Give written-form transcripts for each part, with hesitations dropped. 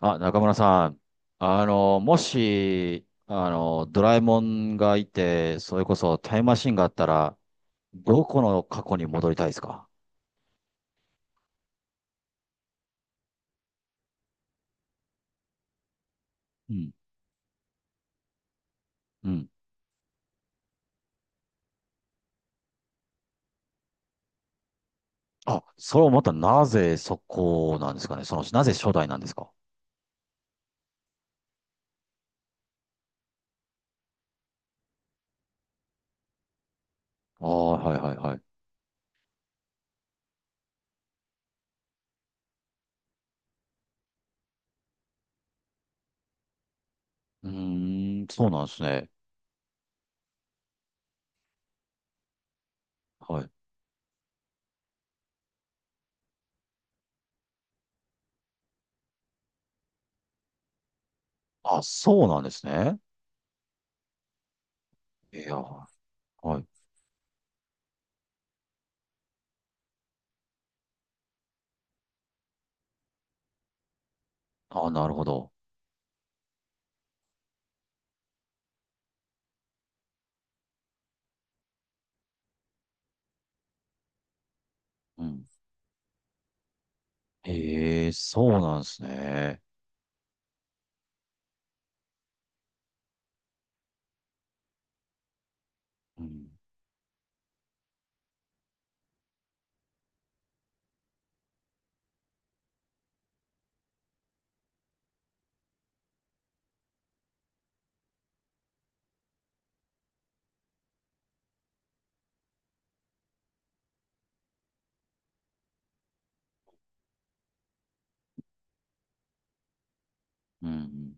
あ、中村さん。もし、ドラえもんがいて、それこそタイムマシンがあったら、どこの過去に戻りたいですか？うん。うん。あ、それをまたなぜそこなんですかね。なぜ初代なんですか？ああ、はいはいはい。うーん、そうなんですね。はい。あ、そうなんですね。いや、はい。あ、なるほど。うん。へえ、そうなんですね。うん。うん。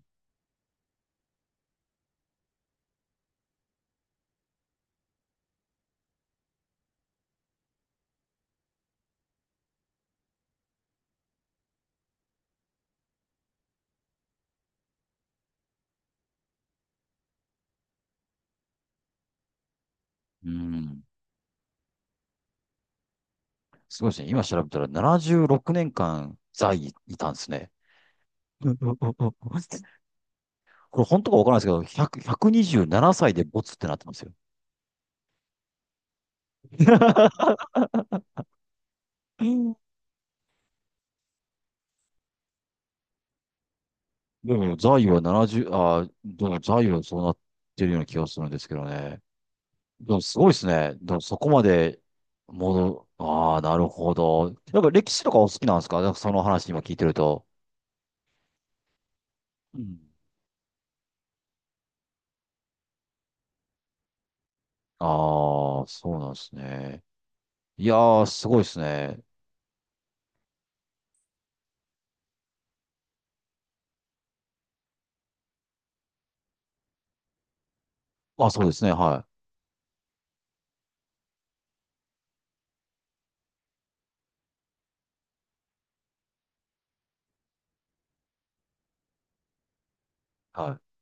うん。すごいですね。今調べたら76年間在位いたんですね。うんうんうんうん。これ本当かわからないですけど、100 127歳でボツってなってますよ。うん。でも在位は70、でも在位はそうなってるような気がするんですけどね。でもすごいですね。でもそこまでああ、なるほど。なんか歴史とかお好きなんですか？なんかその話今聞いてると。うん。ああ、そうなんですね。いやー、すごいですね。あ、そうですね。はい。はい。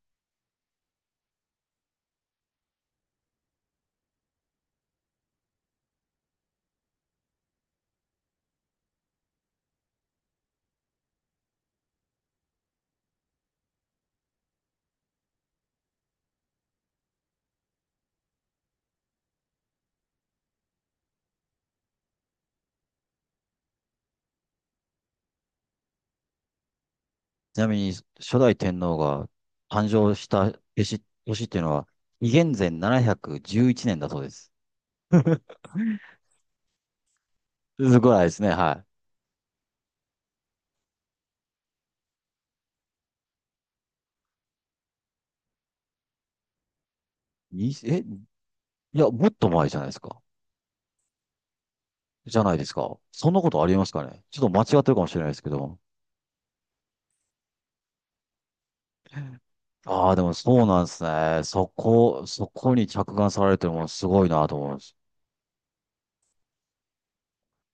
ちなみに、初代天皇が誕生した年っていうのは、紀元前711年だそうです。すごいですね、はい。いや、もっと前じゃないですか。じゃないですか。そんなことありますかね。ちょっと間違ってるかもしれないですけど。ああ、でもそうなんですね。そこに着眼されてるものすごいなと思います。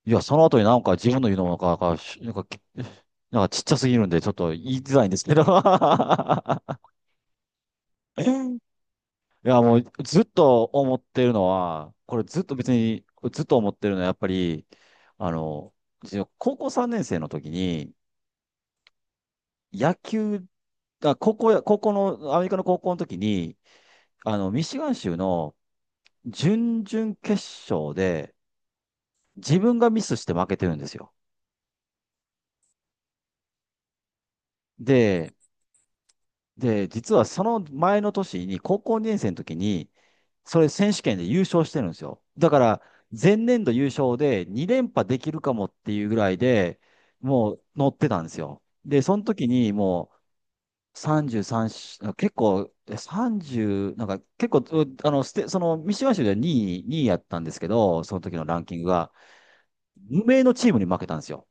いや、その後になんか自分の言うのもなんかちっちゃすぎるんで、ちょっと言いづらいんですけど。いや、もうずっと思ってるのは、これずっと別に、ずっと思ってるのは、やっぱり、あの、自分高校3年生の時に、野球、あ、高校や、高校の、アメリカの高校の時に、ミシガン州の準々決勝で、自分がミスして負けてるんですよ。でで、実はその前の年に、高校2年生の時に、それ選手権で優勝してるんですよ。だから、前年度優勝で2連覇できるかもっていうぐらいで、もう乗ってたんですよ。で、その時にもう33し、結構、え30、なんか結構、うあの、ステ、その、三島州では2位、2位やったんですけど、その時のランキングが、無名のチームに負けたんですよ。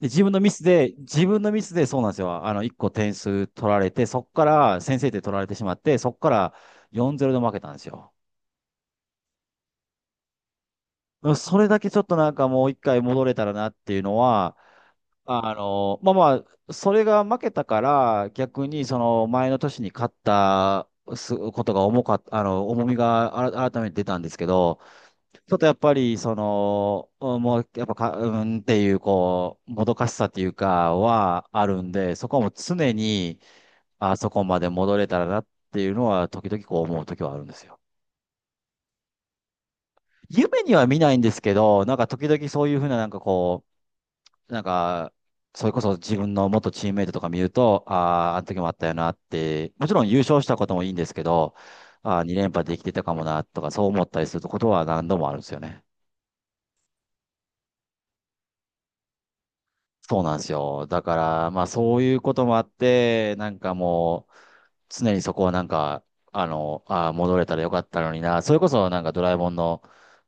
自分のミスでそうなんですよ。あの、1個点数取られて、そこから先制点取られてしまって、そこから4-0で負けたんですよ。それだけちょっとなんかもう一回戻れたらなっていうのは、まあまあ、それが負けたから、逆にその前の年に勝ったすことが重かった、あの、重みがあら改めて出たんですけど、ちょっとやっぱりその、もうやっぱか、うんっていう、こう、もどかしさっていうかはあるんで、そこはもう常に、あそこまで戻れたらなっていうのは、時々こう思う時はあるんですよ。夢には見ないんですけど、なんか時々そういうふうな、なんかこう、なんか、それこそ自分の元チームメイトとか見ると、ああ、あの時もあったよなって、もちろん優勝したこともいいんですけど、ああ、2連覇できてたかもなとか、そう思ったりすることは何度もあるんですよね。そうなんですよ。だから、まあそういうこともあって、なんかもう、常にそこはなんか、ああ、戻れたらよかったのにな。それこそなんかドラえもんの、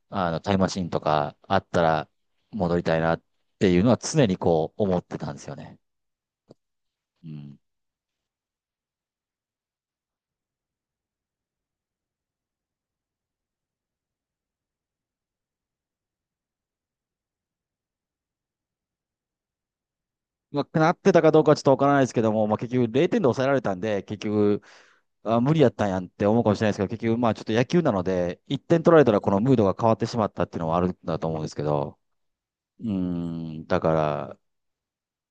タイムマシンとかあったら戻りたいなっていうのは常にこう思ってたんですよね。うん。まあ、なってたかどうかはちょっとわからないですけども、まあ、結局0点で抑えられたんで、結局、あ、無理やったんやんって思うかもしれないですけど、結局まあちょっと野球なので、1点取られたらこのムードが変わってしまったっていうのはあるんだと思うんですけど、うん、だから、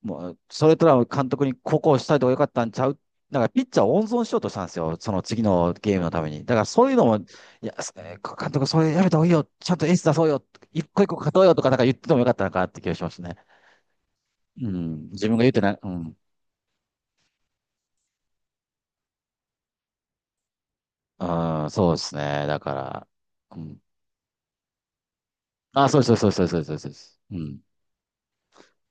もう、それとは監督にここをしたいとかよかったんちゃう、だからピッチャーを温存しようとしたんですよ。その次のゲームのために。だからそういうのも、いや、監督それやめた方がいいよ。ちゃんとエース出そうよ。一個一個勝とうよとかなんか言っててもよかったのかなって気がしますね。うん。自分が言ってない。うん。ああ、そうですね。だから。うん。あ、そうです、そうです、そうです、そうです。そうです。うん。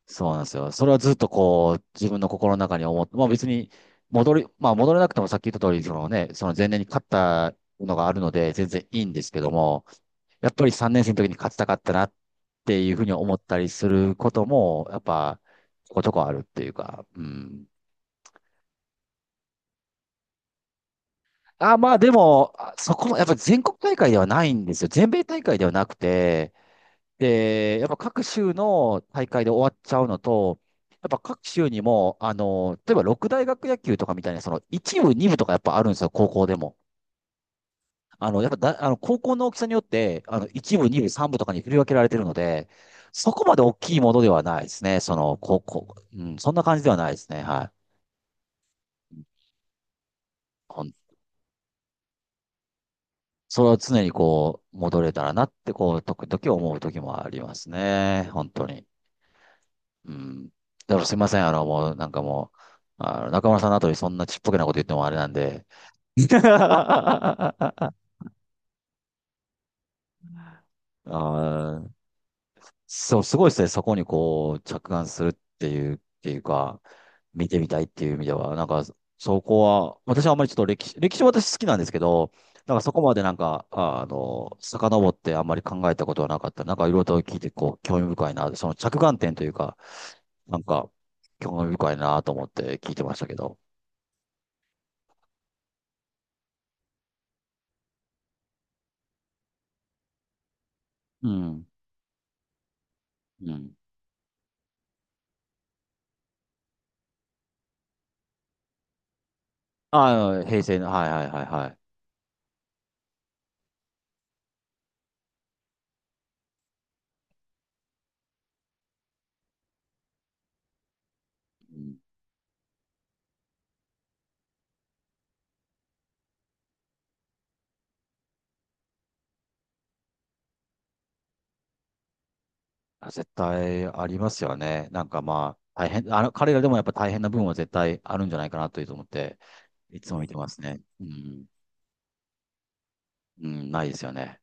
そうなんですよ。それはずっとこう、自分の心の中に思って、まあ別にまあ戻れなくてもさっき言った通り、そのね、その前年に勝ったのがあるので、全然いいんですけども、やっぱり3年生の時に勝ちたかったなっていうふうに思ったりすることも、やっぱ、ちょこちょこあるっていうか、うん。あ、まあでも、あそこも、やっぱ全国大会ではないんですよ。全米大会ではなくて、で、やっぱ各州の大会で終わっちゃうのと、やっぱ各州にも、例えば六大学野球とかみたいな、その一部、二部とかやっぱあるんですよ、高校でも。あの、やっぱだ、あの、高校の大きさによって、一部、二部、三部とかに振り分けられてるので、そこまで大きいものではないですね、その、高校、うん、そんな感じではないですね、はい。ほんそれは常にこう、戻れたらなって、こう、時々思う時もありますね、本当に。うん。だからすいません。もう、なんかもう、中村さんの後にそんなちっぽけなこと言ってもあれなんで、あー、そう、すごいですね。そこにこう、着眼するっていう、っていうか、見てみたいっていう意味では、なんか、そこは、私はあんまりちょっと歴史は私好きなんですけど、なんかそこまでなんか、遡ってあんまり考えたことはなかった。なんかいろいろと聞いて、こう、興味深いな、その着眼点というか、なんか、興味深いなと思って聞いてましたけど。うん。うん。ああ、平成の、はいはいはいはい。うん。あ、絶対ありますよね。なんかまあ、大変、彼らでもやっぱ大変な部分は絶対あるんじゃないかなというと思って、いつも見てますね。うん。うん、ないですよね。